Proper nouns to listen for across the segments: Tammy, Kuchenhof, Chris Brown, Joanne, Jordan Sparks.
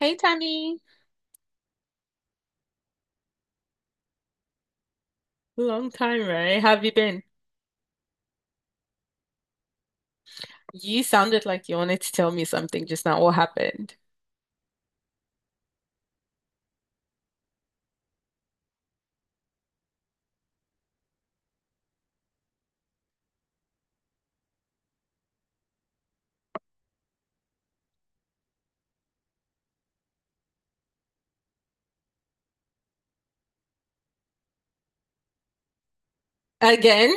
Hey Tammy, long time, right? have you been? You sounded like you wanted to tell me something just now. What happened? Again?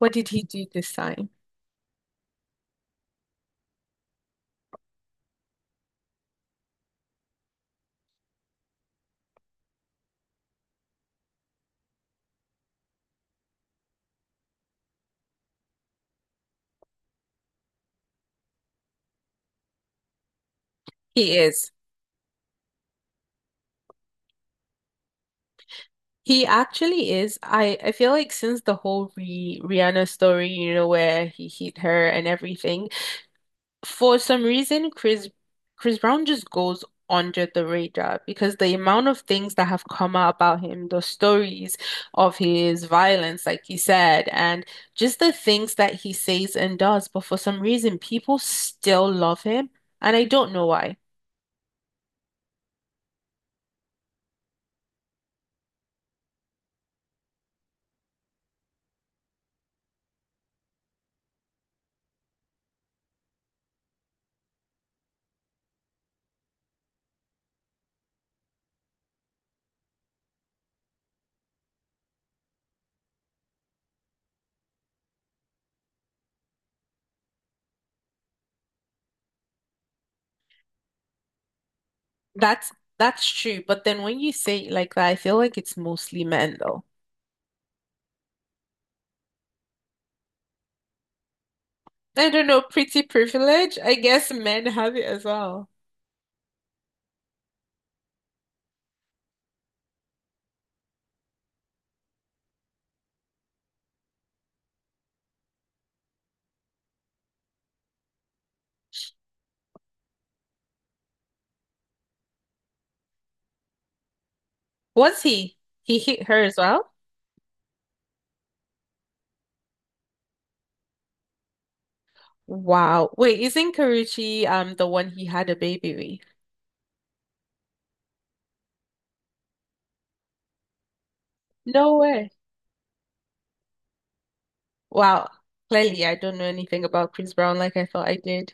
What did he do this time? He is. He actually is. I feel like since the whole Rihanna story, where he hit her and everything, for some reason, Chris Brown just goes under the radar because the amount of things that have come out about him, the stories of his violence, like he said, and just the things that he says and does. But for some reason, people still love him, and I don't know why. That's that's true, but then when you say it like that, I feel like it's mostly men though. I don't know, pretty privilege. I guess men have it as well. Was he? He hit her as well? Wow. Wait, isn't Karuchi the one he had a baby with? No way. Wow. Clearly, I don't know anything about Chris Brown like I thought I did.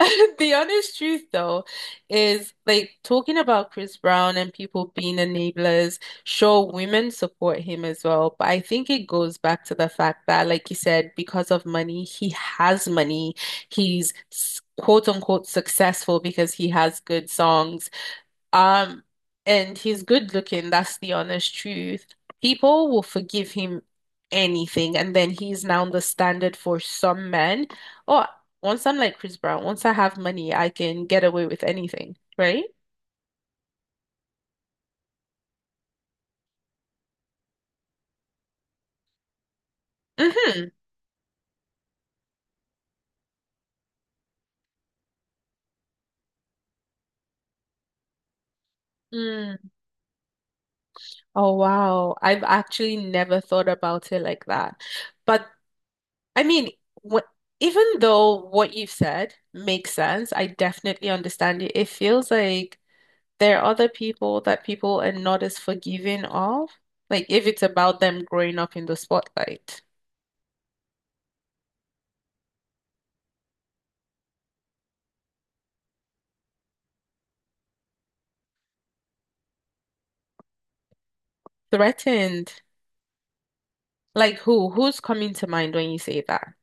The honest truth, though, is like, talking about Chris Brown and people being enablers, sure, women support him as well. But I think it goes back to the fact that, like you said, because of money, he has money. He's quote unquote successful because he has good songs. Um, and he's good looking, that's the honest truth. People will forgive him anything, and then he's now the standard for some men. Oh, once I'm like Chris Brown, once I have money, I can get away with anything, right? Hmm. Mm. Oh, wow. I've actually never thought about it like that. But I mean, what, even though what you've said makes sense, I definitely understand it. It feels like there are other people that people are not as forgiving of, like if it's about them growing up in the spotlight. Threatened. Like who? Who's coming to mind when you say that?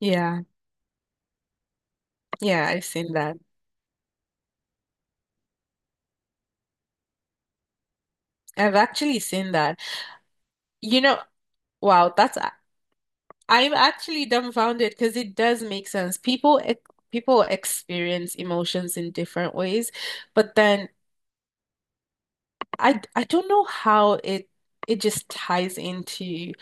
Yeah, yeah, I've seen that. I've actually seen that. You know, wow, that's I'm actually dumbfounded because it does make sense. People experience emotions in different ways, but then I don't know how it just ties into,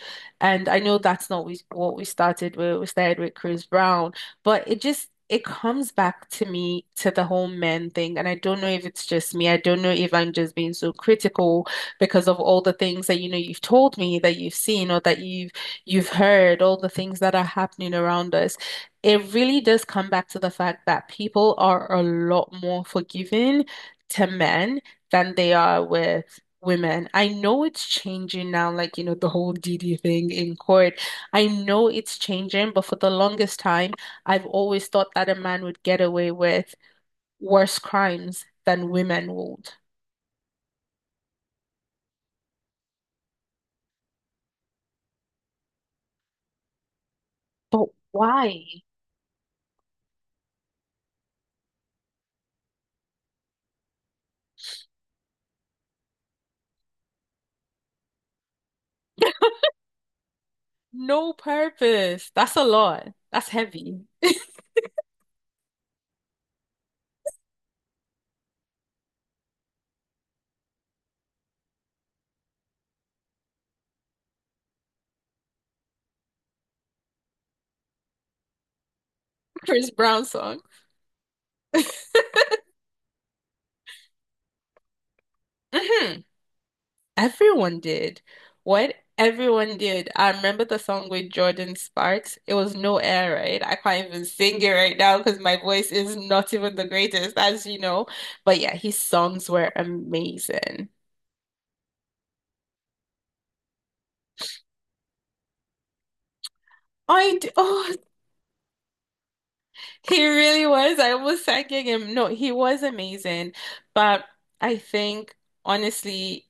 and I know that's not what we started with. We started with Chris Brown, but it comes back to me, to the whole men thing, and I don't know if it's just me. I don't know if I'm just being so critical because of all the things that you've told me that you've seen, or that you've heard, all the things that are happening around us. It really does come back to the fact that people are a lot more forgiving to men than they are with women. I know it's changing now, like, the whole DD thing in court. I know it's changing, but for the longest time, I've always thought that a man would get away with worse crimes than women would. But why? No purpose. That's a lot. That's heavy. Chris Brown song. Mhm. Everyone did. What, everyone did. I remember the song with Jordan Sparks. It was No Air Raid. I can't even sing it right now because my voice is not even the greatest, as you know. But yeah, his songs were amazing. I d Oh, he really was. I was thanking him. No, he was amazing. But I think honestly,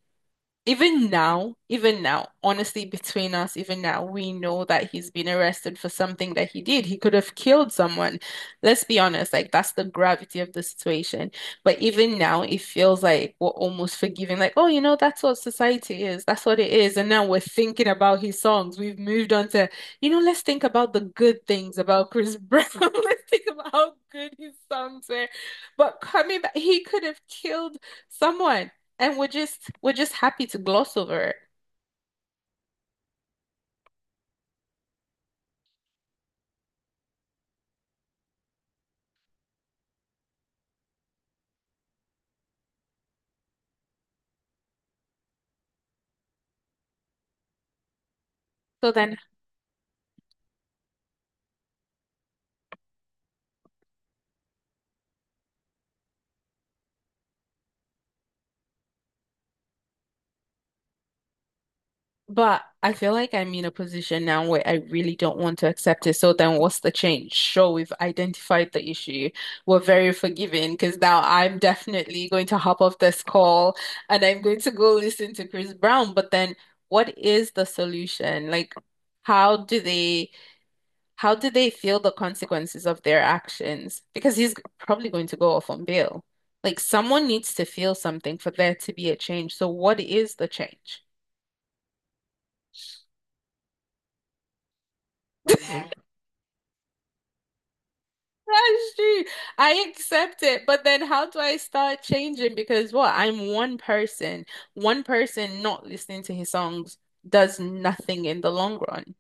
even now, even now, honestly, between us, even now, we know that he's been arrested for something that he did. He could have killed someone. Let's be honest, like, that's the gravity of the situation. But even now, it feels like we're almost forgiving, like, oh, that's what society is. That's what it is. And now we're thinking about his songs. We've moved on to, let's think about the good things about Chris Brown. Let's think about how good his songs were. But coming back, he could have killed someone. And we're just happy to gloss over it. So then, but I feel like I'm in a position now where I really don't want to accept it. So then what's the change? Sure, we've identified the issue. We're very forgiving, because now I'm definitely going to hop off this call and I'm going to go listen to Chris Brown. But then what is the solution? Like, how do they How do they feel the consequences of their actions? Because he's probably going to go off on bail. Like, someone needs to feel something for there to be a change. So what is the change? That's true. I accept it, but then how do I start changing? Because what? I'm one person. One person not listening to his songs does nothing in the long run.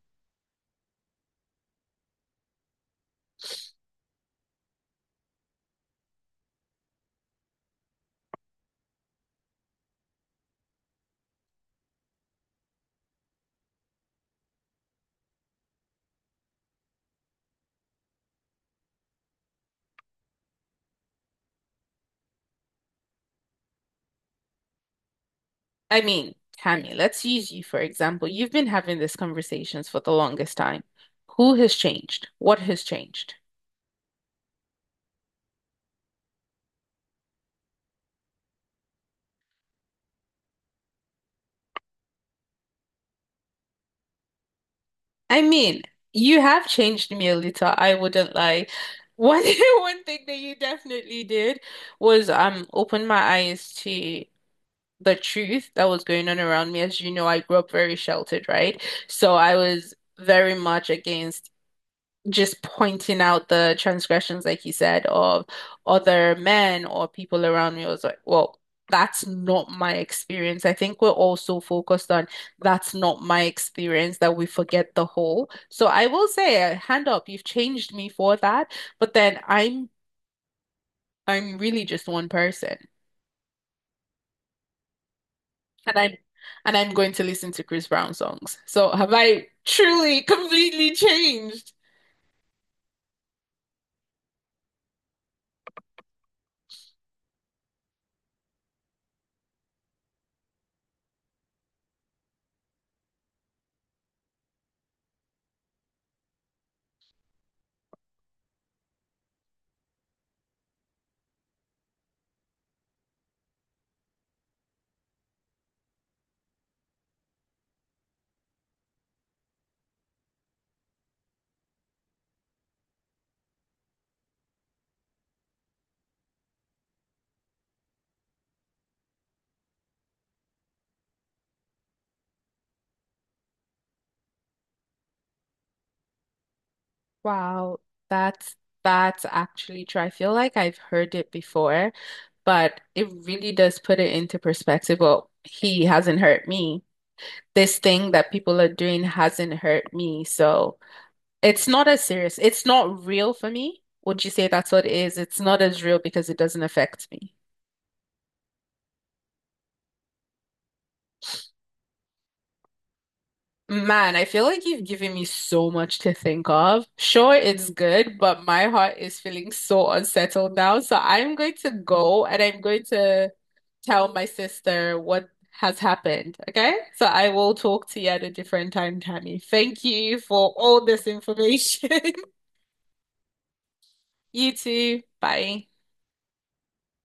I mean, Tammy, let's use you for example. You've been having these conversations for the longest time. Who has changed? What has changed? I mean, you have changed me a little, I wouldn't lie. One one thing that you definitely did was open my eyes to the truth that was going on around me. As you know, I grew up very sheltered, right? So I was very much against just pointing out the transgressions, like you said, of other men or people around me. I was like, well, that's not my experience. I think we're all so focused on that's not my experience, that we forget the whole. So I will say, hand up, you've changed me for that. But then I'm really just one person. And I'm and I'm going to listen to Chris Brown songs. So have I truly, completely changed? Wow, that's actually true. I feel like I've heard it before, but it really does put it into perspective. Well, he hasn't hurt me. This thing that people are doing hasn't hurt me. So it's not as serious. It's not real for me. Would you say that's what it is? It's not as real because it doesn't affect me. Man, I feel like you've given me so much to think of. Sure, it's good, but my heart is feeling so unsettled now. So I'm going to go and I'm going to tell my sister what has happened. Okay. So I will talk to you at a different time, Tammy. Thank you for all this information. You too. Bye.